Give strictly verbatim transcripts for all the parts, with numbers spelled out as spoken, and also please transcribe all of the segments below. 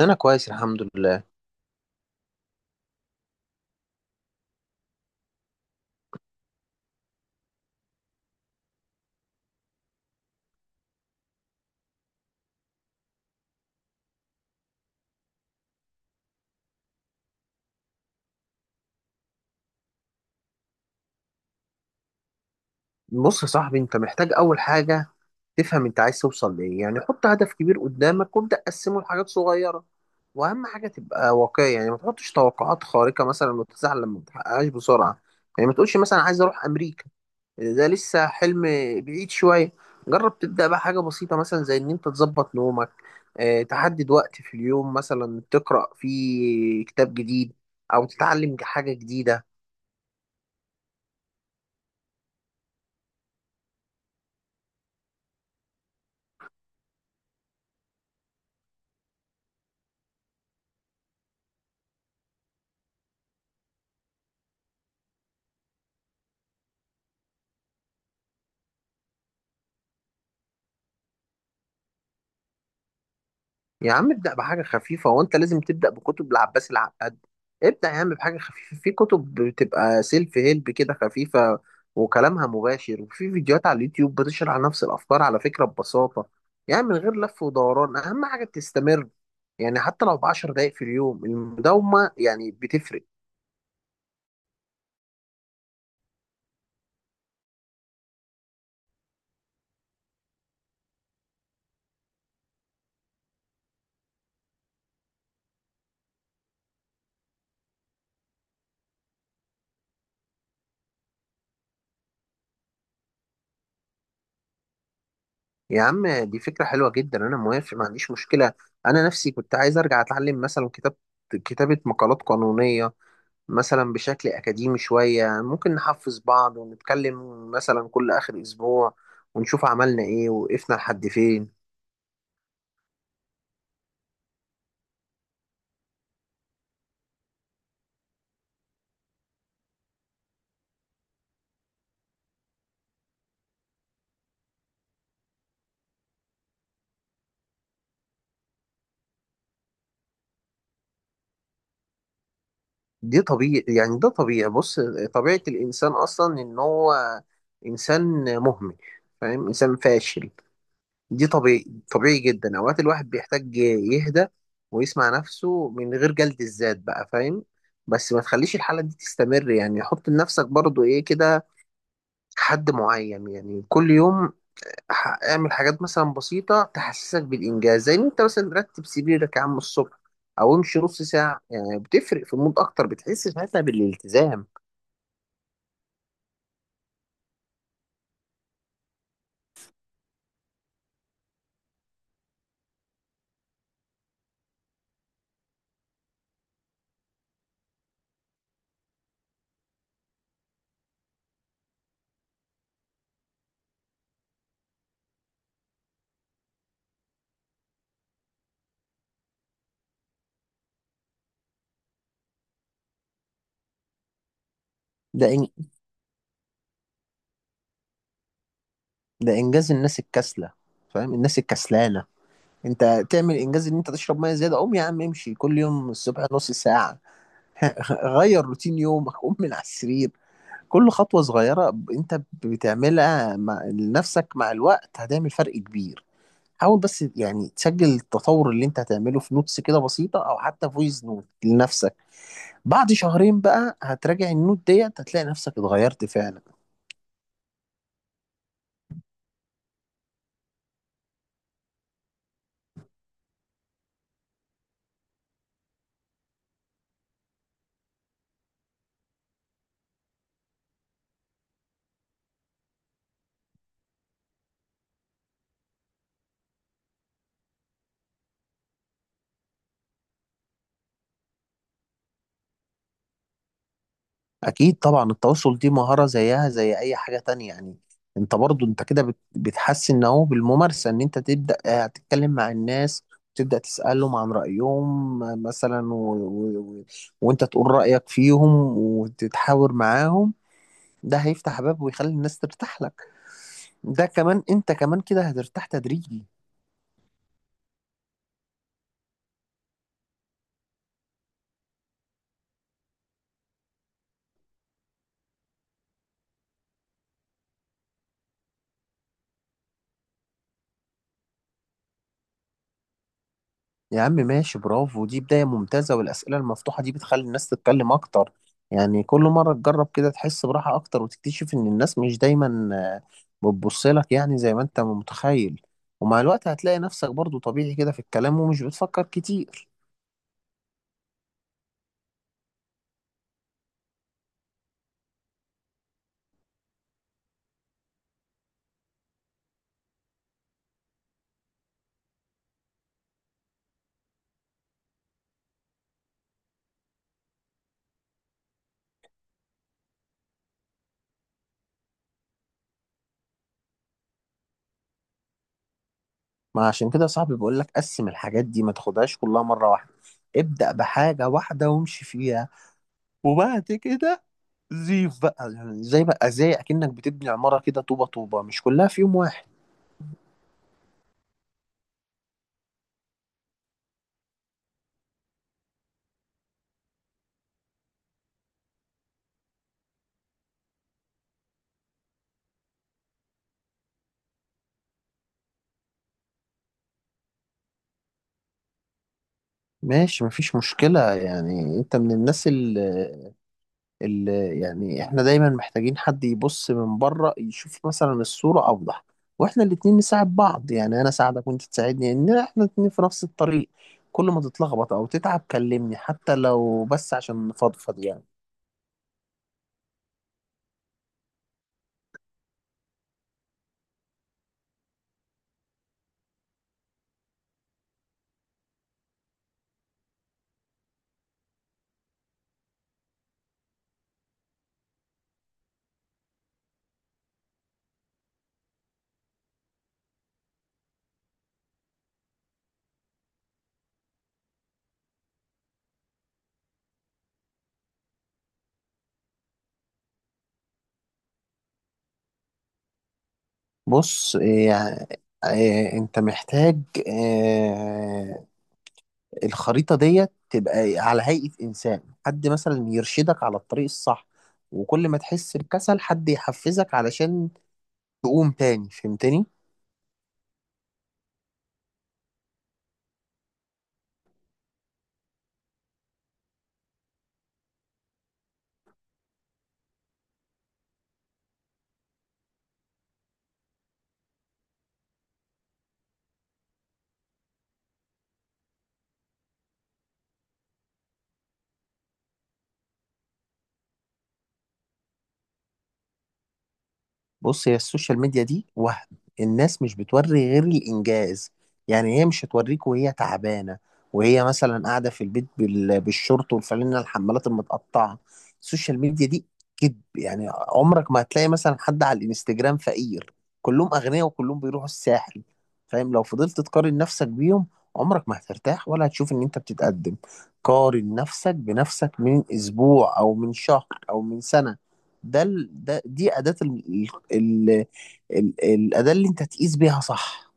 انا كويس الحمد لله. بص يا صاحبي، انت محتاج اول حاجه تفهم انت عايز توصل لايه، يعني حط هدف كبير قدامك وابدا قسمه لحاجات صغيره. واهم حاجه تبقى واقعي، يعني ما تحطش توقعات خارقه مثلا وتزعل لما ما تحققهاش بسرعه. يعني ما تقولش مثلا عايز اروح امريكا، ده لسه حلم بعيد شويه. جرب تبدا بقى حاجه بسيطه، مثلا زي ان انت تظبط نومك. اه، تحدد وقت في اليوم مثلا تقرا فيه كتاب جديد او تتعلم حاجه جديده. يا عم ابدأ بحاجة خفيفة، وانت لازم تبدأ بكتب العباس العقاد. ابدأ يا عم بحاجة خفيفة، في كتب بتبقى سيلف هيلب كده خفيفة وكلامها مباشر، وفي فيديوهات على اليوتيوب بتشرح نفس الأفكار على فكرة ببساطة، يعني من غير لف ودوران. أهم حاجة تستمر، يعني حتى لو بعشر دقايق في اليوم، المداومة يعني بتفرق. يا عم دي فكرة حلوة جدا، أنا موافق، ما عنديش مشكلة. أنا نفسي كنت عايز أرجع أتعلم مثلا كتاب، كتابة مقالات قانونية مثلا بشكل أكاديمي شوية. ممكن نحفز بعض ونتكلم مثلا كل آخر أسبوع، ونشوف عملنا إيه وقفنا لحد فين. دي طبيعي، يعني ده طبيعي. بص، طبيعة الإنسان أصلا إن هو إنسان مهمل، فاهم، إنسان فاشل. دي طبيعي، طبيعي جدا. أوقات الواحد بيحتاج يهدى ويسمع نفسه من غير جلد الذات بقى، فاهم. بس ما تخليش الحالة دي تستمر، يعني حط لنفسك برضو إيه كده، حد معين، يعني كل يوم ح- اعمل حاجات مثلا بسيطة تحسسك بالإنجاز، زي إن أنت مثلا رتب سريرك يا عم الصبح، أو امشي نص ساعة، يعني بتفرق في المود أكتر، بتحس ساعتها بالالتزام. ده إن... ده إنجاز الناس الكسلة، فاهم، الناس الكسلانة. أنت تعمل إنجاز إن أنت تشرب مية زيادة؟ قوم يا عم امشي كل يوم الصبح نص ساعة. غير روتين يومك، قوم من على السرير. كل خطوة صغيرة أنت بتعملها مع لنفسك مع الوقت هتعمل فرق كبير. حاول بس يعني تسجل التطور اللي انت هتعمله في نوتس كده بسيطة او حتى فويس نوت لنفسك. بعد شهرين بقى هتراجع النوت ديت، هتلاقي نفسك اتغيرت فعلا. اكيد طبعا، التواصل دي مهارة زيها زي اي حاجة تانية يعني. انت برضو انت كده بت- بتحسن اهو بالممارسة، ان انت تبدأ آه، تتكلم مع الناس، تبدأ تسألهم عن رأيهم آه، مثلا، و... و... و... وانت تقول رأيك فيهم وتتحاور معاهم. ده هيفتح باب ويخلي الناس ترتاح لك، ده كمان انت كمان كده هترتاح تدريجي. يا عم ماشي، برافو، دي بداية ممتازة، والأسئلة المفتوحة دي بتخلي الناس تتكلم أكتر. يعني كل مرة تجرب كده تحس براحة أكتر، وتكتشف إن الناس مش دايما آه، بتبص لك يعني زي ما أنت متخيل. ومع الوقت هتلاقي نفسك برضو طبيعي كده في الكلام ومش بتفكر كتير. ما عشان كده صاحبي بقول لك قسم الحاجات دي، ما تاخدهاش كلها مرة واحدة. ابدأ بحاجة واحدة وامشي فيها وبعد كده، زيف بقى يعني زي بقى زي اكنك بتبني عمارة كده طوبة طوبة، مش كلها في يوم واحد. ماشي، مفيش مشكلة. يعني انت من الناس اللي, اللي يعني احنا دايما محتاجين حد يبص من بره يشوف مثلا الصورة اوضح. واحنا الاتنين نساعد بعض، يعني انا اساعدك وانت تساعدني، ان احنا الاتنين في نفس الطريق. كل ما تتلخبط او تتعب كلمني، حتى لو بس عشان نفضفض يعني. بص يعني، إيه، انت محتاج إيه، الخريطة ديت تبقى على هيئة إنسان، حد مثلا يرشدك على الطريق الصح، وكل ما تحس بكسل حد يحفزك علشان تقوم تاني، فهمتني؟ بص هي السوشيال ميديا دي وهم. الناس مش بتوري غير الإنجاز، يعني هي مش هتوريك وهي تعبانة، وهي مثلا قاعدة في البيت بال- بالشورت والفانلة الحمالات المتقطعة. السوشيال ميديا دي كذب، يعني عمرك ما هتلاقي مثلا حد على الانستجرام فقير، كلهم أغنياء وكلهم بيروحوا الساحل. فاهم، لو فضلت تقارن نفسك بيهم عمرك ما هترتاح ولا هتشوف إن أنت بتتقدم. قارن نفسك بنفسك من أسبوع أو من شهر أو من سنة. ده ال... ده دي أداة ال... ال... ال... الأداة اللي أنت تقيس بيها صح.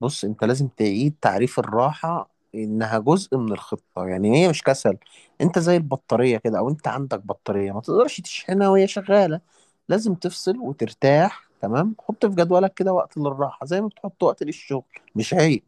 بص أنت لازم تعيد تعريف الراحة، إنها جزء من الخطة، يعني هي مش كسل. أنت زي البطارية كده، أو أنت عندك بطارية ما تقدرش تشحنها وهي شغالة، لازم تفصل وترتاح. تمام، حط في جدولك كده وقت للراحة زي ما بتحط وقت للشغل، مش عيب.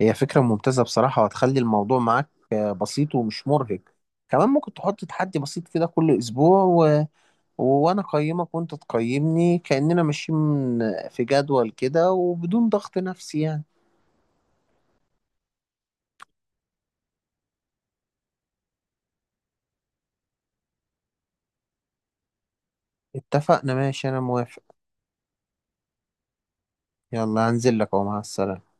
هي فكرة ممتازة بصراحة، وهتخلي الموضوع معاك آه، بسيط ومش مرهق. كمان ممكن تحط تحدي بسيط كده كل أسبوع، وانا اقيمك وانت تقيمني، كأننا ماشيين في جدول كده وبدون ضغط نفسي يعني. اتفقنا، ماشي، انا موافق. يلا هنزل لك، اهو مع السلامة.